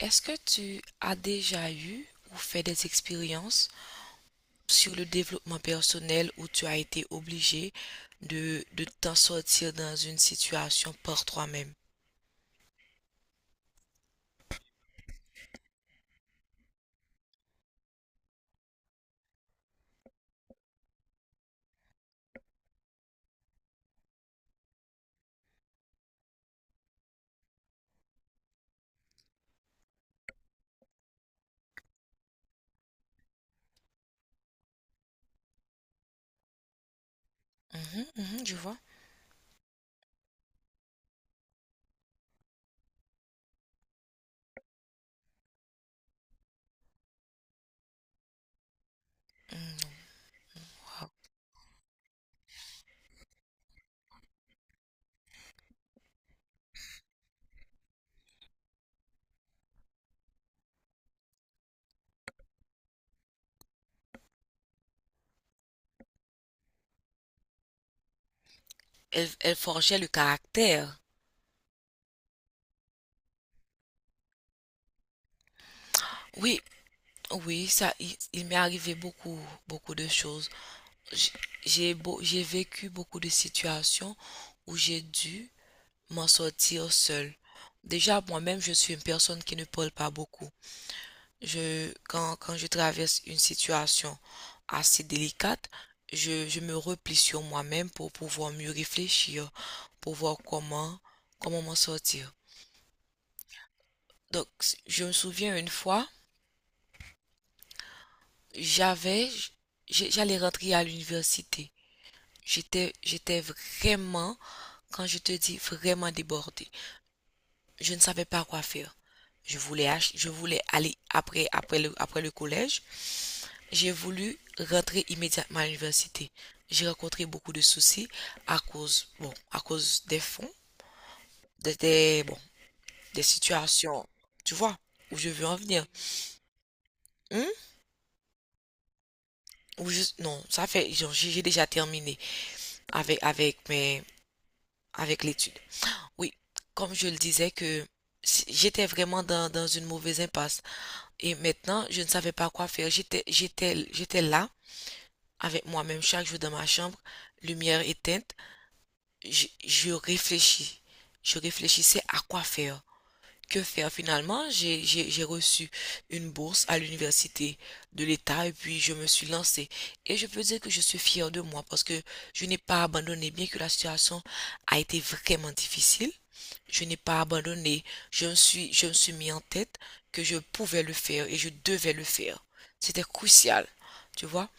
Est-ce que tu as déjà eu ou fait des expériences sur le développement personnel où tu as été obligé de t'en sortir dans une situation par toi-même? Mhm, mhm, je vois. Mm. Wow. Elle forgeait le caractère. Oui, oui, ça, il m'est arrivé beaucoup, beaucoup de choses. J- j'ai vécu beaucoup de situations où j'ai dû m'en sortir seule. Déjà, moi-même, je suis une personne qui ne parle pas beaucoup. Quand je traverse une situation assez délicate, je me replie sur moi-même pour pouvoir mieux réfléchir, pour voir comment m'en sortir. Donc, je me souviens une fois, j'avais, j'allais rentrer à l'université. J'étais vraiment, quand je te dis vraiment débordée. Je ne savais pas quoi faire. Je voulais, je voulais aller après le collège. J'ai voulu rentrer immédiatement à l'université. J'ai rencontré beaucoup de soucis à cause des fonds, des, des- bon, des situations, tu vois, où je veux en venir. Hum? Ou juste, non, ça fait, genre, j'ai déjà terminé avec, avec mes, avec l'étude. Oui, comme je le disais que j'étais vraiment dans une mauvaise impasse. Et maintenant, je ne savais pas quoi faire. J'étais là avec moi-même chaque jour dans ma chambre, lumière éteinte. Je réfléchis. Je réfléchissais à quoi faire. Que faire finalement? J'ai reçu une bourse à l'université de l'État et puis je me suis lancée. Et je peux dire que je suis fière de moi parce que je n'ai pas abandonné, bien que la situation a été vraiment difficile. Je n'ai pas abandonné. Je me suis mis en tête que je pouvais le faire et je devais le faire. C'était crucial, tu vois.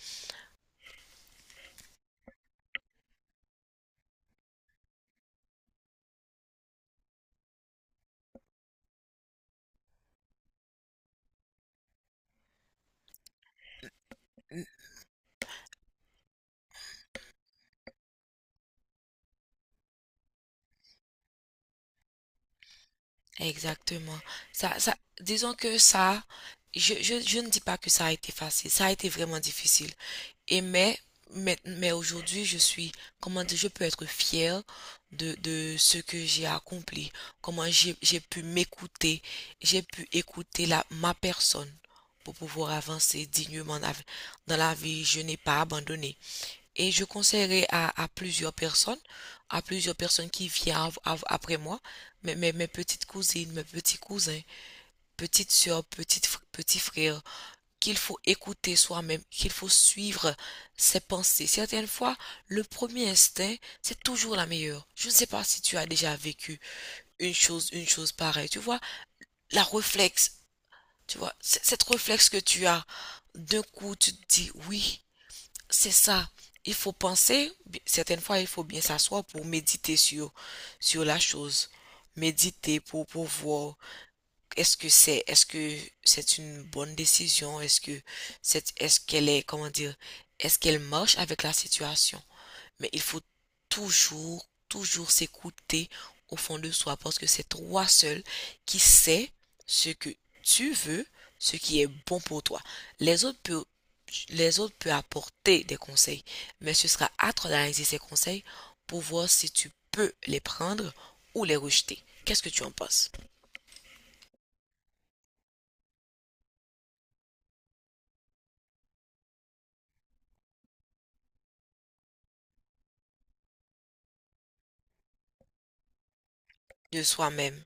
Exactement. Ça, ça, disons que ça, je ne dis pas que ça a été facile, ça a été vraiment difficile. Et mais, mais aujourd'hui, comment dire, je peux être fière de ce que j'ai accompli, comment j'ai pu m'écouter, j'ai pu écouter ma personne pour pouvoir avancer dignement dans la vie. Dans la vie, je n'ai pas abandonné. Et je conseillerais à plusieurs personnes, qui viennent après moi, mes petites cousines, mes petits cousins, petites soeurs, petits frères, qu'il faut écouter soi-même, qu'il faut suivre ses pensées. Certaines fois, le premier instinct, c'est toujours la meilleure. Je ne sais pas si tu as déjà vécu une chose pareille. Tu vois, la réflexe, tu vois, cette réflexe que tu as, d'un coup, tu te dis oui. C'est ça. Il faut penser, certaines fois, il faut bien s'asseoir pour méditer sur la chose. Méditer pour voir est-ce que c'est une bonne décision, est-ce que c'est, est-ce qu'elle est, comment dire, est-ce qu'elle marche avec la situation. Mais il faut toujours, toujours s'écouter au fond de soi parce que c'est toi seul qui sais ce que tu veux, ce qui est bon pour toi. Les autres peuvent, les autres peuvent apporter des conseils, mais ce sera à toi d'analyser ces conseils pour voir si tu peux les prendre ou les rejeter. Qu'est-ce que tu en penses de soi-même?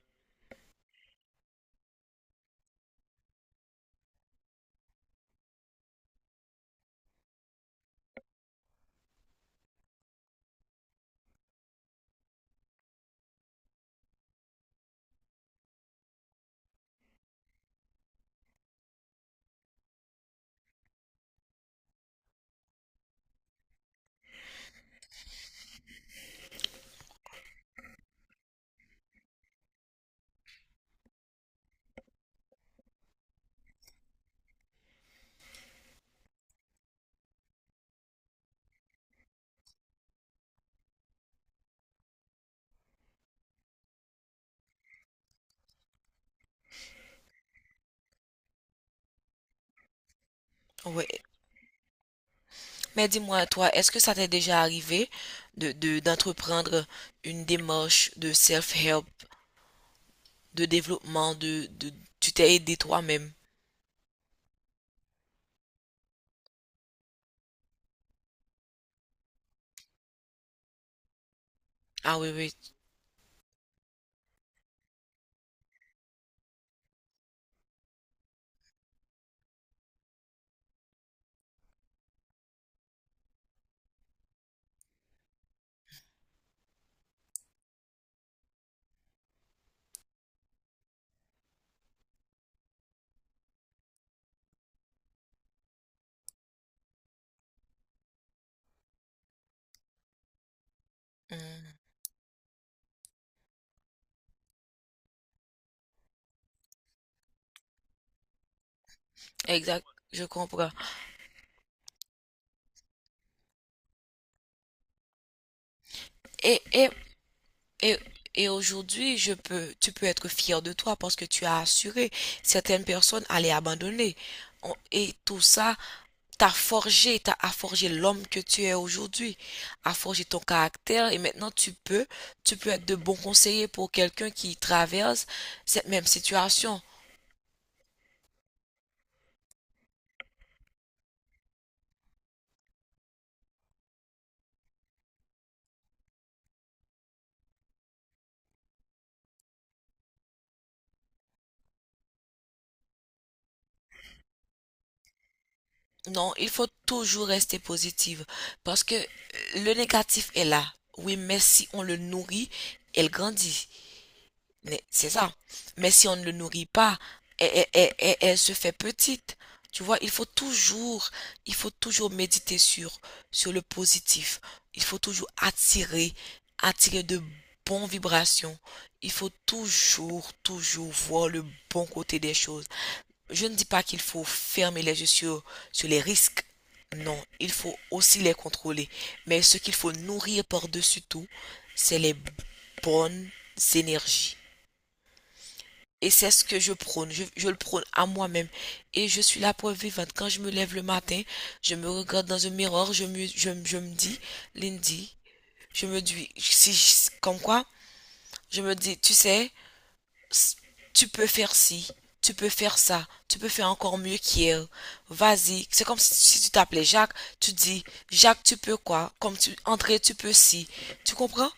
Oui. Mais dis-moi, toi, est-ce que ça t'est déjà arrivé d'entreprendre une démarche de self-help de développement, de tu t'es aidé toi-même. Ah oui, oui. Hmm, exact, je comprends. Et, et, et, et aujourd'hui, tu peux être fier de toi parce que tu as assuré. Certaines personnes allaient abandonner. Et tout ça t'a a forgé l'homme que tu es aujourd'hui, a forgé ton caractère. Et maintenant, tu peux être de bons conseillers pour quelqu'un qui traverse cette même situation. Non, il faut toujours rester positive parce que le négatif est là. Oui, mais si on le nourrit, elle grandit. Mais c'est ça. Mais si on ne le nourrit pas, elle se fait petite. Tu vois, il faut toujours méditer sur le positif. Il faut toujours attirer de bonnes vibrations. Il faut toujours, toujours voir le bon côté des choses. Je ne dis pas qu'il faut fermer les yeux sur les risques. Non, il faut aussi les contrôler. Mais ce qu'il faut nourrir par-dessus tout, c'est les bonnes énergies. Et c'est ce que je prône. Je le prône à moi-même. Et je suis la preuve vivante. Quand je me lève le matin, je me regarde dans un miroir, je me dis, Lindy, je me dis, si, comme quoi, je me dis, tu sais, S- tu peux faire ci, tu peux faire ça, tu peux faire encore mieux qu'hier. Vas-y. C'est comme si tu t'appelais Jacques, tu dis, Jacques, tu peux quoi? Comme tu, André, tu peux ci. Tu comprends?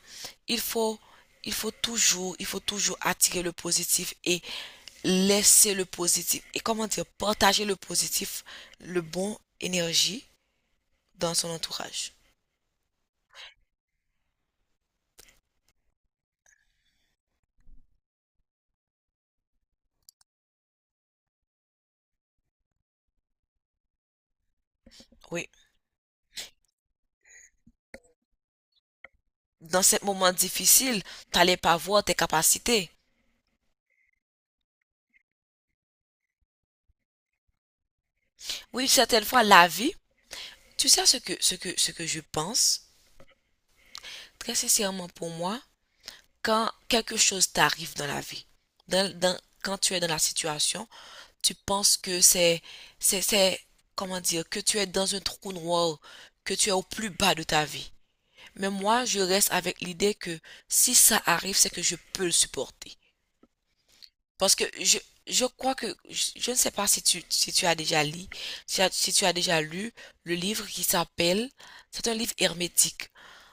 Il faut, il faut toujours attirer le positif et laisser le positif. Et comment dire, partager le positif, le bon énergie dans son entourage. Oui. Dans ce moment difficile, t'allais pas voir tes capacités. Oui, certaines fois, tu sais ce que je pense, très sincèrement pour moi, quand quelque chose t'arrive dans la vie, quand tu es dans la situation, tu penses que c'est, c'est, comment dire, que tu es dans un trou noir, que tu es au plus bas de ta vie. Mais moi, je reste avec l'idée que si ça arrive, c'est que je peux le supporter. Parce que je crois que, je ne sais pas si tu as déjà lu, si, as- si tu as déjà lu le livre qui s'appelle, c'est un livre hermétique.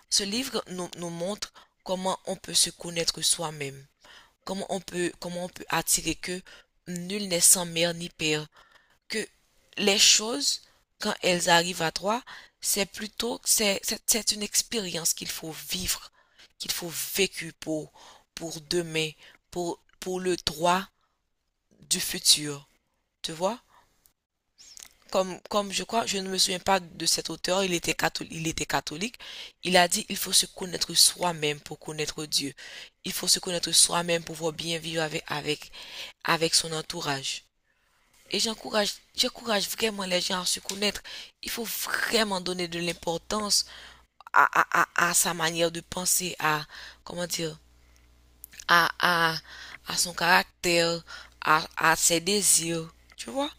Ce livre nous montre comment on peut se connaître soi-même, comment on peut attirer que nul n'est sans mère ni père, que les choses, quand elles arrivent à toi, c'est plutôt, c'est une expérience qu'il faut vivre, qu'il faut vécu pour demain, pour le droit du futur, tu vois? Comme je crois, je ne me souviens pas de cet auteur, il était catholique, il était catholique. Il a dit, il faut se connaître soi-même pour connaître Dieu. Il faut se connaître soi-même pour pouvoir bien vivre avec son entourage. Et j'encourage vraiment les gens à se connaître. Il faut vraiment donner de l'importance à sa manière de penser, comment dire, à, à, à son caractère, à ses désirs, tu vois?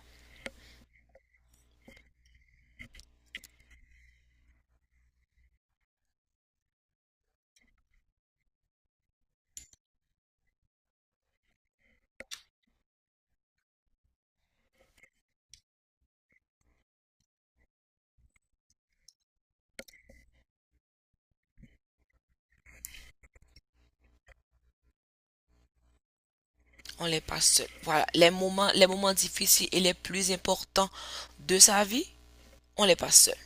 On n'est pas seul. Voilà, les moments difficiles et les plus importants de sa vie, on n'est pas seul.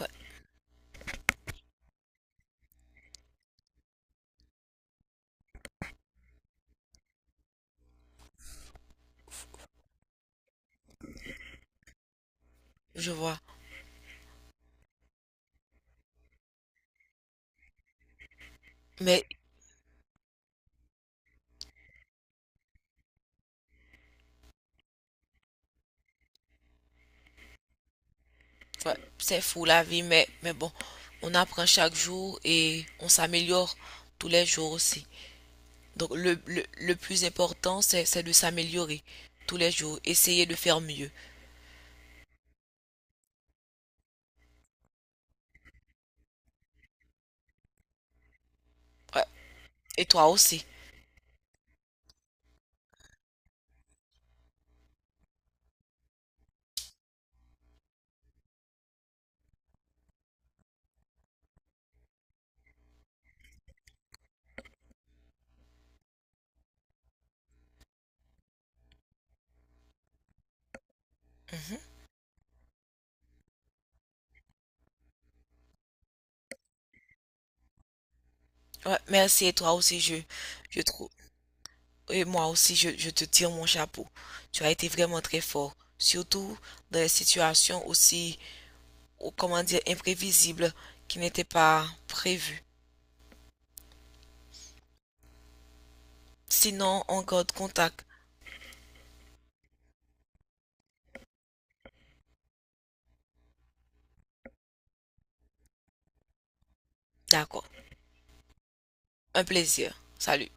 Ouais, je vois. Mais ouais, c'est fou la vie, mais, bon, on apprend chaque jour et on s'améliore tous les jours aussi. Donc le plus important, c'est de s'améliorer tous les jours, essayer de faire mieux. Ouais, et toi aussi. Mhm. Ouais, merci et toi aussi, je trouve. Et moi aussi, je te tire mon chapeau. Tu as été vraiment très fort, surtout dans des situations aussi, ou comment dire, imprévisibles qui n'étaient pas prévues. Sinon, on garde contact. D'accord. Un plaisir. Salut.